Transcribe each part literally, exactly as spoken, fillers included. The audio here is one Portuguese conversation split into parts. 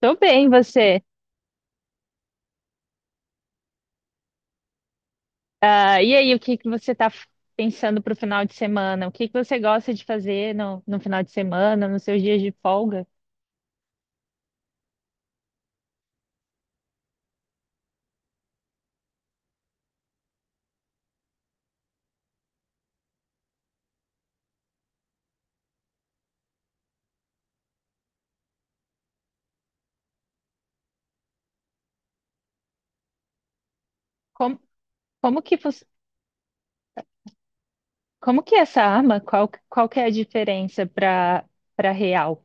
Tô bem, você. Ah, e aí, o que que você tá f- pensando pro final de semana? O que que você gosta de fazer no, no final de semana, nos seus dias de folga? Como, como que, fos- como que é essa arma, qual, qual que é a diferença para para real?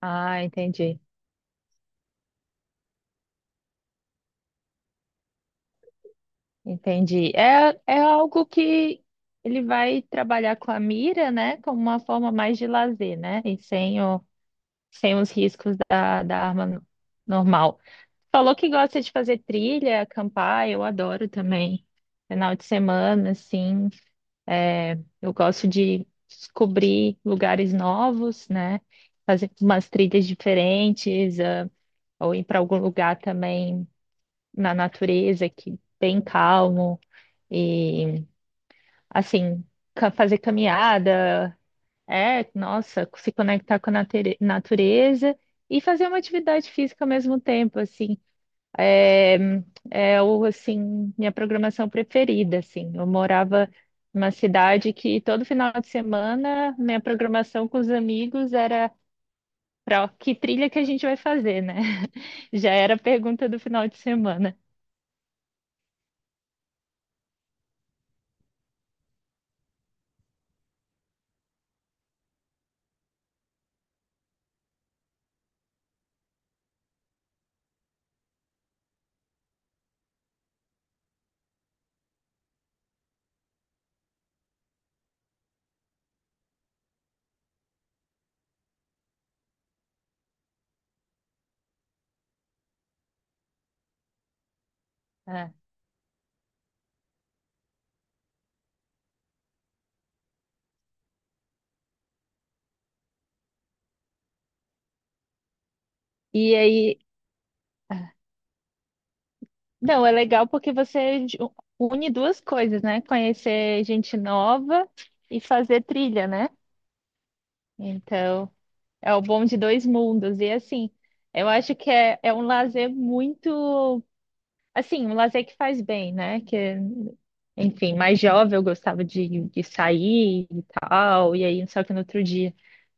Ah, entendi, entendi. É, é algo que ele vai trabalhar com a mira, né, como uma forma mais de lazer, né, e sem o, sem os riscos da, da arma normal. Falou que gosta de fazer trilha, acampar, eu adoro também. Final de semana, assim, é, eu gosto de descobrir lugares novos, né? Fazer umas trilhas diferentes, ah, ou ir para algum lugar também na natureza, que bem calmo e assim, ca- fazer caminhada, é, nossa, se conectar com a nature- natureza e fazer uma atividade física ao mesmo tempo, assim. É, é o, assim, minha programação preferida, assim. Eu morava numa cidade que todo final de semana minha programação com os amigos era para que trilha que a gente vai fazer, né? Já era a pergunta do final de semana. Ah, e aí, ah, não, é legal porque você ju- une duas coisas, né? Conhecer gente nova e fazer trilha, né? Então, é o bom de dois mundos. E assim, eu acho que é, é um lazer muito. Assim, um lazer que faz bem, né? Que, enfim, mais jovem eu gostava de, de sair e tal, e aí só que no outro dia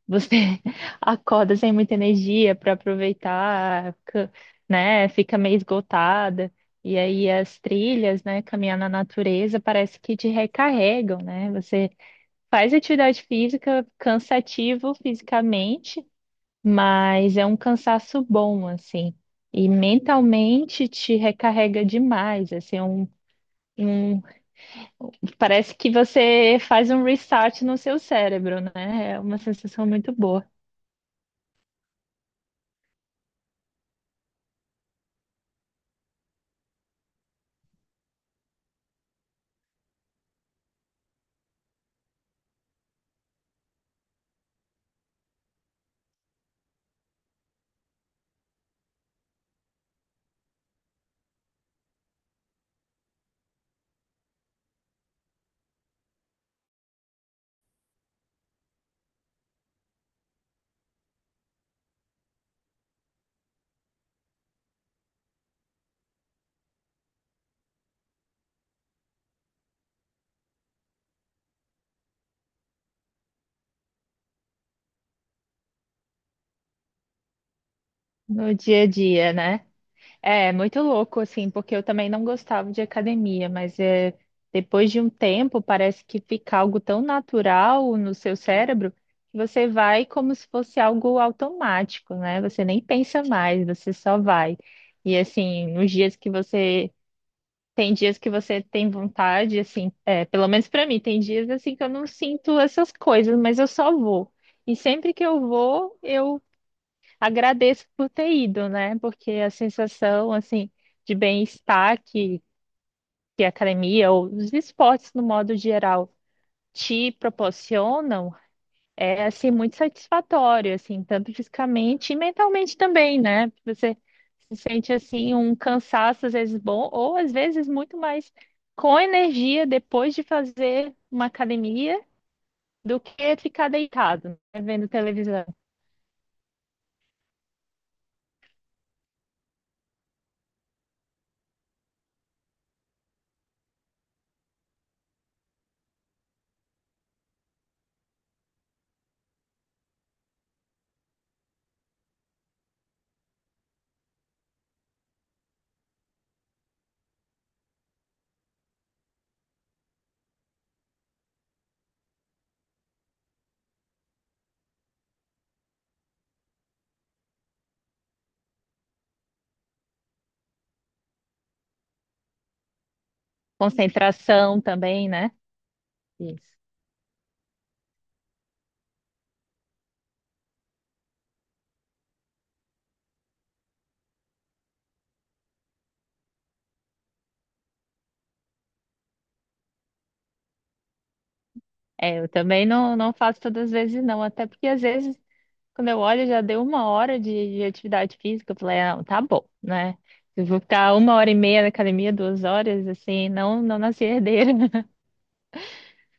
você acorda sem muita energia para aproveitar, fica- né? Fica meio esgotada. E aí as trilhas, né? Caminhar na natureza parece que te recarregam, né? Você faz atividade física cansativo fisicamente, mas é um cansaço bom, assim. E mentalmente te recarrega demais, assim, é um, um- parece que você faz um restart no seu cérebro, né? É uma sensação muito boa no dia a dia, né? É, muito louco, assim, porque eu também não gostava de academia, mas é, depois de um tempo parece que fica algo tão natural no seu cérebro que você vai como se fosse algo automático, né? Você nem pensa mais, você só vai. E assim, nos dias que você tem dias que você tem vontade, assim, é, pelo menos para mim, tem dias assim que eu não sinto essas coisas, mas eu só vou. E sempre que eu vou, eu agradeço por ter ido, né? Porque a sensação, assim, de bem-estar que, que a academia ou os esportes, no modo geral, te proporcionam é, assim, muito satisfatório, assim, tanto fisicamente e mentalmente também, né? Você se sente, assim, um cansaço, às vezes bom, ou às vezes muito mais com energia depois de fazer uma academia do que ficar deitado, né? Vendo televisão. Concentração também, né? Isso. É, eu também não, não faço todas as vezes, não. Até porque às vezes, quando eu olho, já deu uma hora de, de atividade física. Eu falei, ah, tá bom, né? Eu vou ficar uma hora e meia na academia, duas horas, assim, não, não nasci herdeira.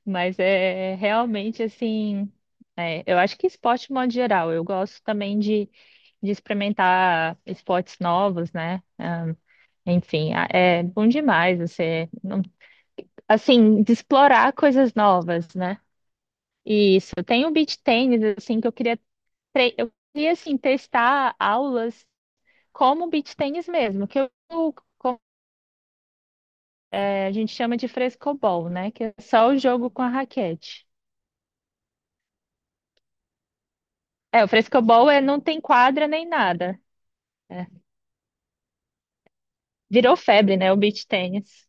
Mas é é realmente assim. É, eu acho que esporte, de modo geral, eu gosto também de, de experimentar esportes novos, né? Ah, enfim, a- é bom demais você, não- assim, de explorar coisas novas, né? Isso, tem o beach tennis, assim, que eu queria, tre- eu queria, assim, testar aulas como beach tennis mesmo, que eu- co- é, a gente chama de frescobol, né? Que é só o jogo com a raquete. É, o frescobol é, não tem quadra nem nada. É. Virou febre, né, o beach tennis.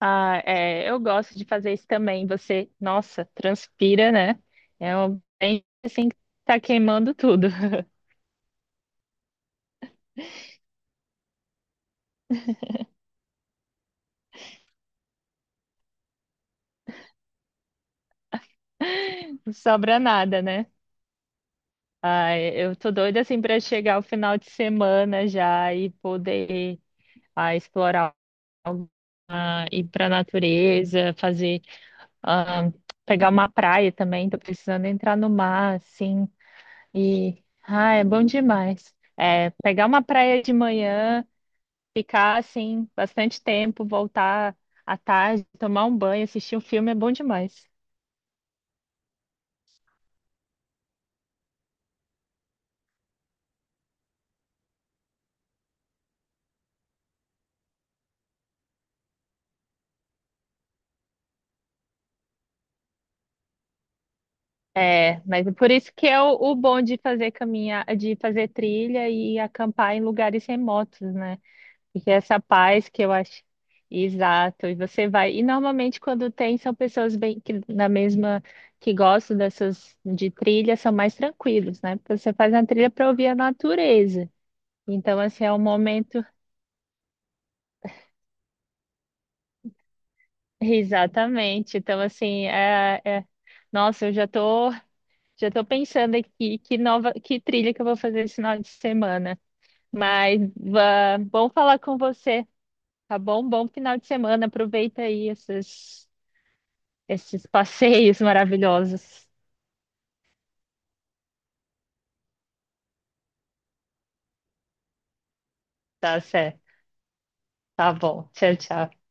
Ah, é, eu gosto de fazer isso também. Você, nossa, transpira, né? É um bem assim que tá queimando tudo. Não sobra nada, né? Ai, eu tô doida assim para chegar o final de semana já e poder ah, explorar, ah, ir para natureza, fazer, ah, pegar uma praia também. Tô precisando entrar no mar, assim. E ah, é bom demais. É, pegar uma praia de manhã, ficar assim bastante tempo, voltar à tarde, tomar um banho, assistir um filme é bom demais. É, mas é por isso que é o, o bom de fazer caminhar, de fazer trilha e acampar em lugares remotos, né? Porque essa paz que eu acho. Exato, e você vai. E normalmente quando tem, são pessoas bem que na mesma que gostam dessas de trilha, são mais tranquilos, né? Porque você faz a trilha para ouvir a natureza. Então, assim, é um momento. Exatamente. Então, assim, é, é- nossa, eu já tô, já tô pensando aqui que nova, que trilha que eu vou fazer esse final de semana. Mas va- bom falar com você, tá bom? Bom final de semana. Aproveita aí esses, esses passeios maravilhosos. Tá certo. Tá bom. Tchau, tchau.